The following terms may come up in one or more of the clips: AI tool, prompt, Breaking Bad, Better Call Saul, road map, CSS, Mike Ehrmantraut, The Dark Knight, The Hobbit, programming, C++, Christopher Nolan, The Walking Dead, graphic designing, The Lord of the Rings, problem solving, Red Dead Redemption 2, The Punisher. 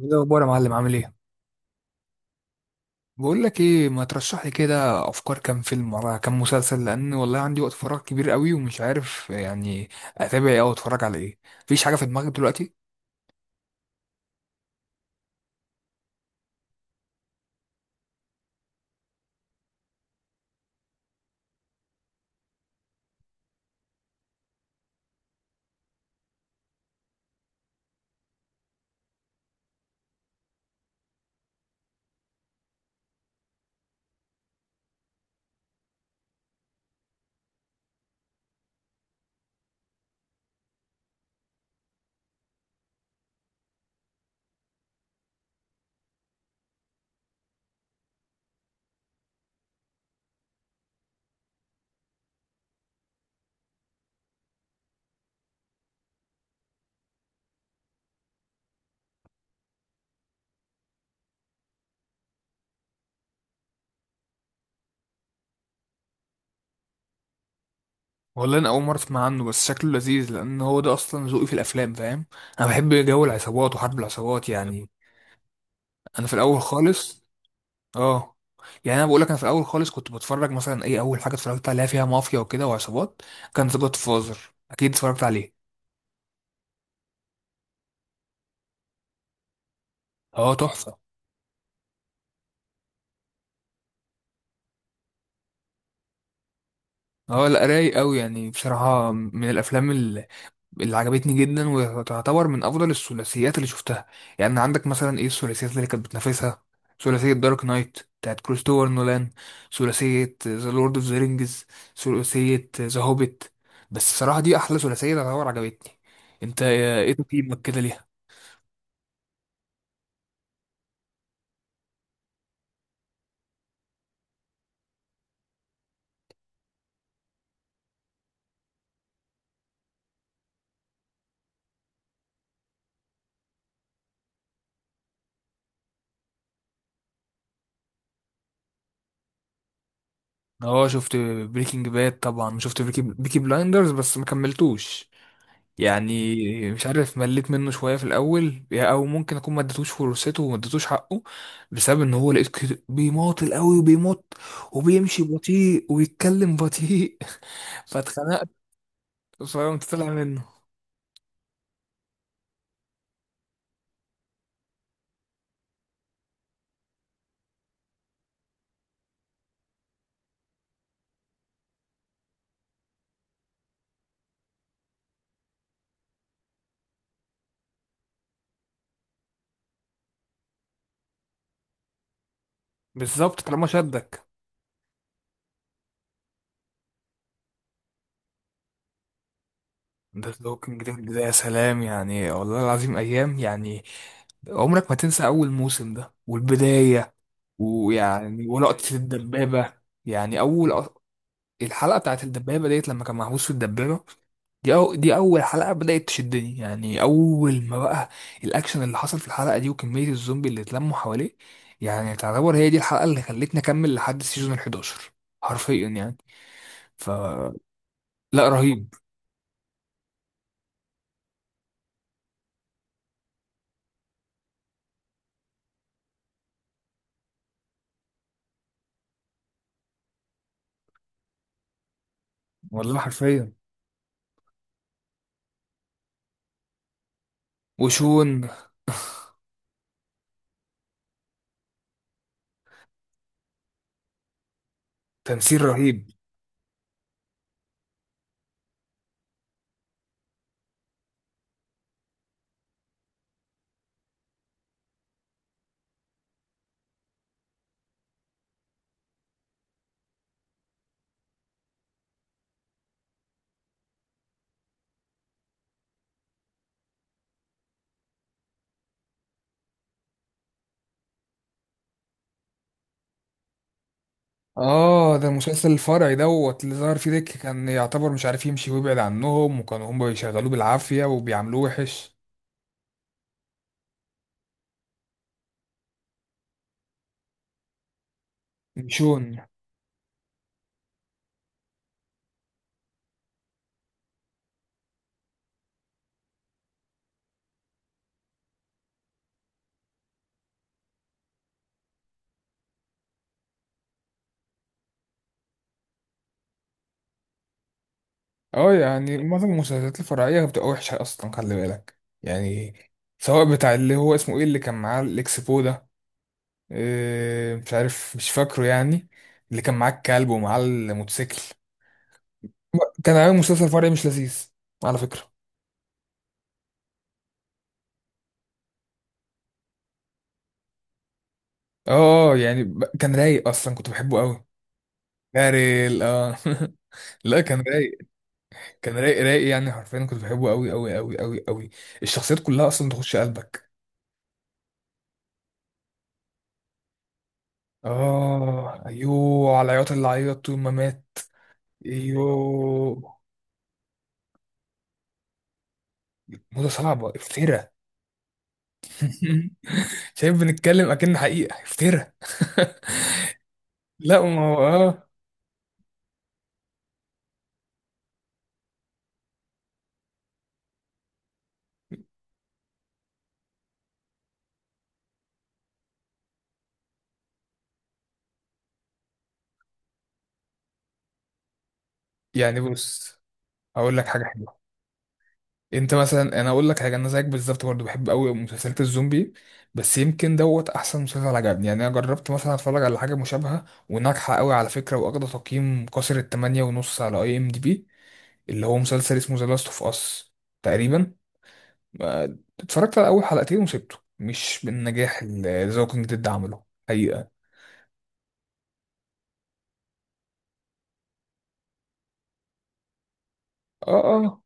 ايه الاخبار يا معلم، عامل ايه؟ بقول لك ايه، ما ترشح لي كده افكار كام فيلم ولا كام مسلسل، لان والله عندي وقت فراغ كبير قوي ومش عارف يعني اتابع ايه او اتفرج على ايه. مفيش حاجه في دماغك دلوقتي؟ والله انا اول مره اسمع عنه، بس شكله لذيذ لان هو ده اصلا ذوقي في الافلام، فاهم؟ انا بحب جو العصابات وحرب العصابات يعني. انا في الاول خالص. اه. يعني انا بقول لك، انا في الاول خالص كنت بتفرج مثلا ايه اول حاجه اتفرجت عليها فيها مافيا وكده وعصابات، كان ذا جاد فازر، اكيد اتفرجت عليه. اه تحفه. اه لا، رايق قوي يعني. بصراحة من الأفلام اللي عجبتني جدا وتعتبر من أفضل الثلاثيات اللي شفتها. يعني عندك مثلا إيه الثلاثيات اللي كانت بتنافسها؟ ثلاثية دارك نايت بتاعت كريستوفر نولان، ثلاثية ذا لورد أوف ذا رينجز، ثلاثية ذا هوبيت. بس الصراحة دي أحلى ثلاثية تعتبر عجبتني. أنت إيه تقييمك كده ليها؟ اه شفت. بريكنج باد طبعا شفت. بيكي بلايندرز بس ما كملتوش يعني. مش عارف، مليت منه شويه في الاول، او ممكن اكون ما اديتوش فرصته وما اديتوش حقه بسبب ان هو لقيت كده بيماطل قوي وبيمط وبيمشي بطيء ويتكلم بطيء. فاتخنقت، فقمت طالع منه. بالظبط، طالما شدك. ده الوكينج ديد ده يا سلام، يعني والله العظيم ايام يعني. عمرك ما تنسى اول موسم ده والبدايه، ويعني ولقطه الدبابه. يعني الحلقه بتاعت الدبابه ديت لما كان محبوس في الدبابه، دي أو دي أول حلقة بدأت تشدني، يعني أول ما بقى الأكشن اللي حصل في الحلقة دي وكمية الزومبي اللي اتلموا حواليه، يعني تعتبر هي دي الحلقة اللي خلتني أكمل لحد السيزون ال 11، حرفيا يعني. ف لا، رهيب. والله حرفيا. وشون، تمثيل رهيب. آه ده المسلسل الفرعي دوت اللي ظهر فيه ديك، كان يعتبر مش عارف يمشي ويبعد عنهم، وكانوا هم بيشغلوه بالعافية وبيعملوه وحش. شون. اه، يعني معظم المسلسلات الفرعية بتبقى وحشة أصلا، خلي بالك يعني. سواء بتاع اللي هو اسمه ايه، اللي كان معاه الإكسبو ده، إيه، مش عارف مش فاكره يعني، اللي كان معاه الكلب ومعاه الموتوسيكل، كان عامل مسلسل فرعي مش لذيذ على فكرة. اه اه، يعني كان رايق أصلا، كنت بحبه أوي. داريل، اه. لا، كان رايق. كان رايق رايق يعني، حرفيا كنت بحبه أوي أوي أوي أوي أوي. الشخصيات كلها أصلا تخش قلبك. اه ايوه، على العياط اللي عيط طول ما مات. ايوه. موضة صعبة، افترا. شايف، بنتكلم اكن حقيقة، افترا. لا ما هو اه يعني. بص هقول لك حاجة حلوة. انت مثلا، انا اقول لك حاجة، انا زيك بالظبط برضه بحب قوي مسلسلات الزومبي. بس يمكن دوت احسن مسلسل عجبني يعني. انا جربت مثلا اتفرج على حاجة مشابهة وناجحة قوي على فكرة، واخدة تقييم كسر التمانية ونص على اي ام دي بي، اللي هو مسلسل اسمه ذا لاست اوف اس تقريبا. اتفرجت على اول حلقتين وسبته، مش بالنجاح اللي ذا ووكينج ديد عمله حقيقه. اه اه.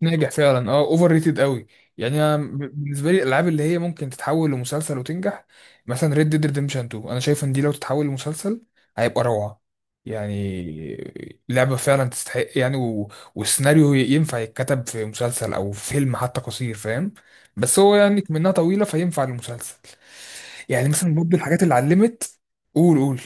ناجح فعلا، اه، اوفر ريتد قوي. يعني انا بالنسبه لي الالعاب اللي هي ممكن تتحول لمسلسل وتنجح، مثلا ريد ديد ريدمشن 2، انا شايف ان دي لو تتحول لمسلسل هيبقى روعه. يعني لعبه فعلا تستحق يعني، و... والسيناريو ينفع يتكتب في مسلسل او في فيلم حتى قصير، فاهم؟ بس هو يعني منها طويله، فينفع للمسلسل. يعني مثلا برضه الحاجات اللي علمت. قول قول.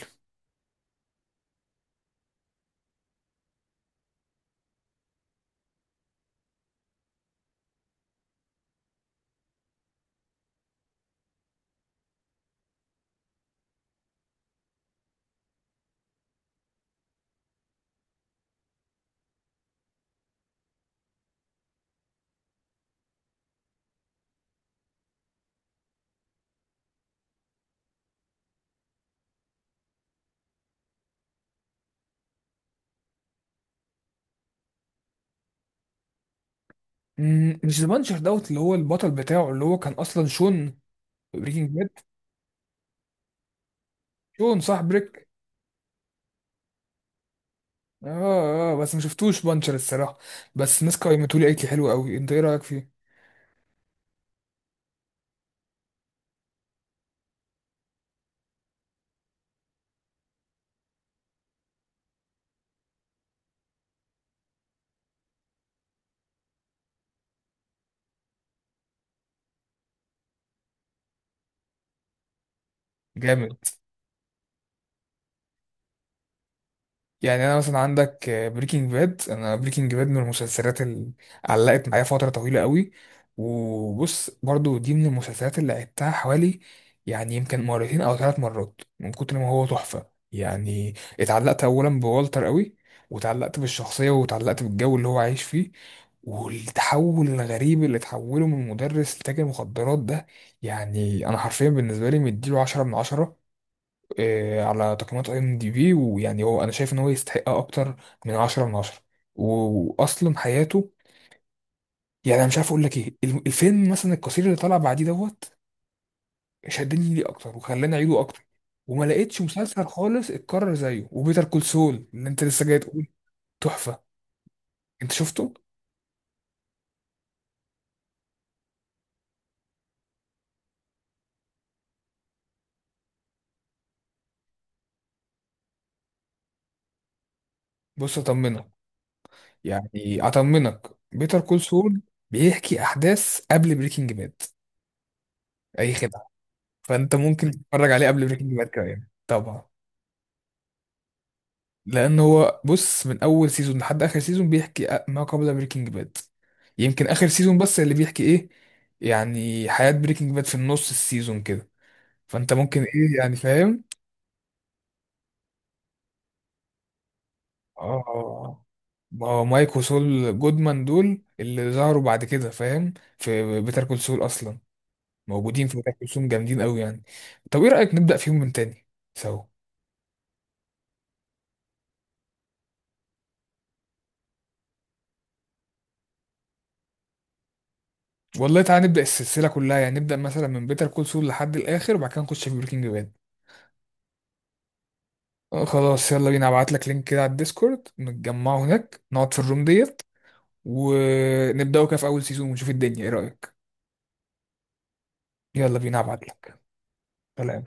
مم، مش ذا بانشر دوت اللي هو البطل بتاعه اللي هو كان اصلا شون في بريكنج باد. شون صح، بريك. اه اه، بس ما شفتوش بانشر الصراحه. بس الناس قيمته لي، قالت لي حلو قوي، انت ايه رايك فيه؟ جامد. يعني انا مثلا عندك بريكنج باد، انا بريكنج باد من المسلسلات اللي علقت معايا فتره طويله قوي، وبص برضو دي من المسلسلات اللي عدتها حوالي يعني يمكن مرتين او ثلاث مرات من كتر ما هو تحفه يعني. اتعلقت اولا بوالتر قوي، وتعلقت بالشخصيه وتعلقت بالجو اللي هو عايش فيه، والتحول الغريب اللي تحوله من مدرس لتاجر مخدرات ده، يعني انا حرفيا بالنسبه لي مديله 10 من 10، على تقييمات اي ام دي بي. ويعني هو انا شايف ان هو يستحق اكتر من 10 من 10. واصلا حياته، يعني انا مش عارف اقول لك ايه، الفيلم مثلا القصير اللي طلع بعديه دوت، شدني ليه اكتر وخلاني اعيده اكتر. وما لقيتش مسلسل خالص اتكرر زيه. وبيتر كول سول اللي انت لسه جاي تقول. تحفة. انت شفته؟ بص اطمنك، يعني اطمنك، بيتر كول سول بيحكي احداث قبل بريكنج باد، اي خدعة. فانت ممكن تتفرج عليه قبل بريكنج باد كمان طبعا. لان هو بص، من اول سيزون لحد اخر سيزون بيحكي ما قبل بريكنج باد، يمكن اخر سيزون بس اللي بيحكي ايه يعني حياة بريكنج باد في النص السيزون كده، فانت ممكن ايه يعني، فاهم؟ اه. ما مايك وسول جودمان دول اللي ظهروا بعد كده، فاهم؟ في بيتر كول سول اصلا، موجودين في بيتر كول سول جامدين قوي يعني. طب ايه رأيك نبدأ فيهم من تاني سوا؟ والله تعالى نبدأ السلسلة كلها، يعني نبدأ مثلا من بيتر كول سول لحد الآخر وبعد كده نخش في بريكنج باد. خلاص، يلا بينا، ابعت لك لينك كده على الديسكورد، نتجمعوا هناك، نقعد في الروم ديت ونبداوا كده في اول سيزون ونشوف الدنيا، ايه رأيك؟ يلا بينا، ابعت لك. سلام.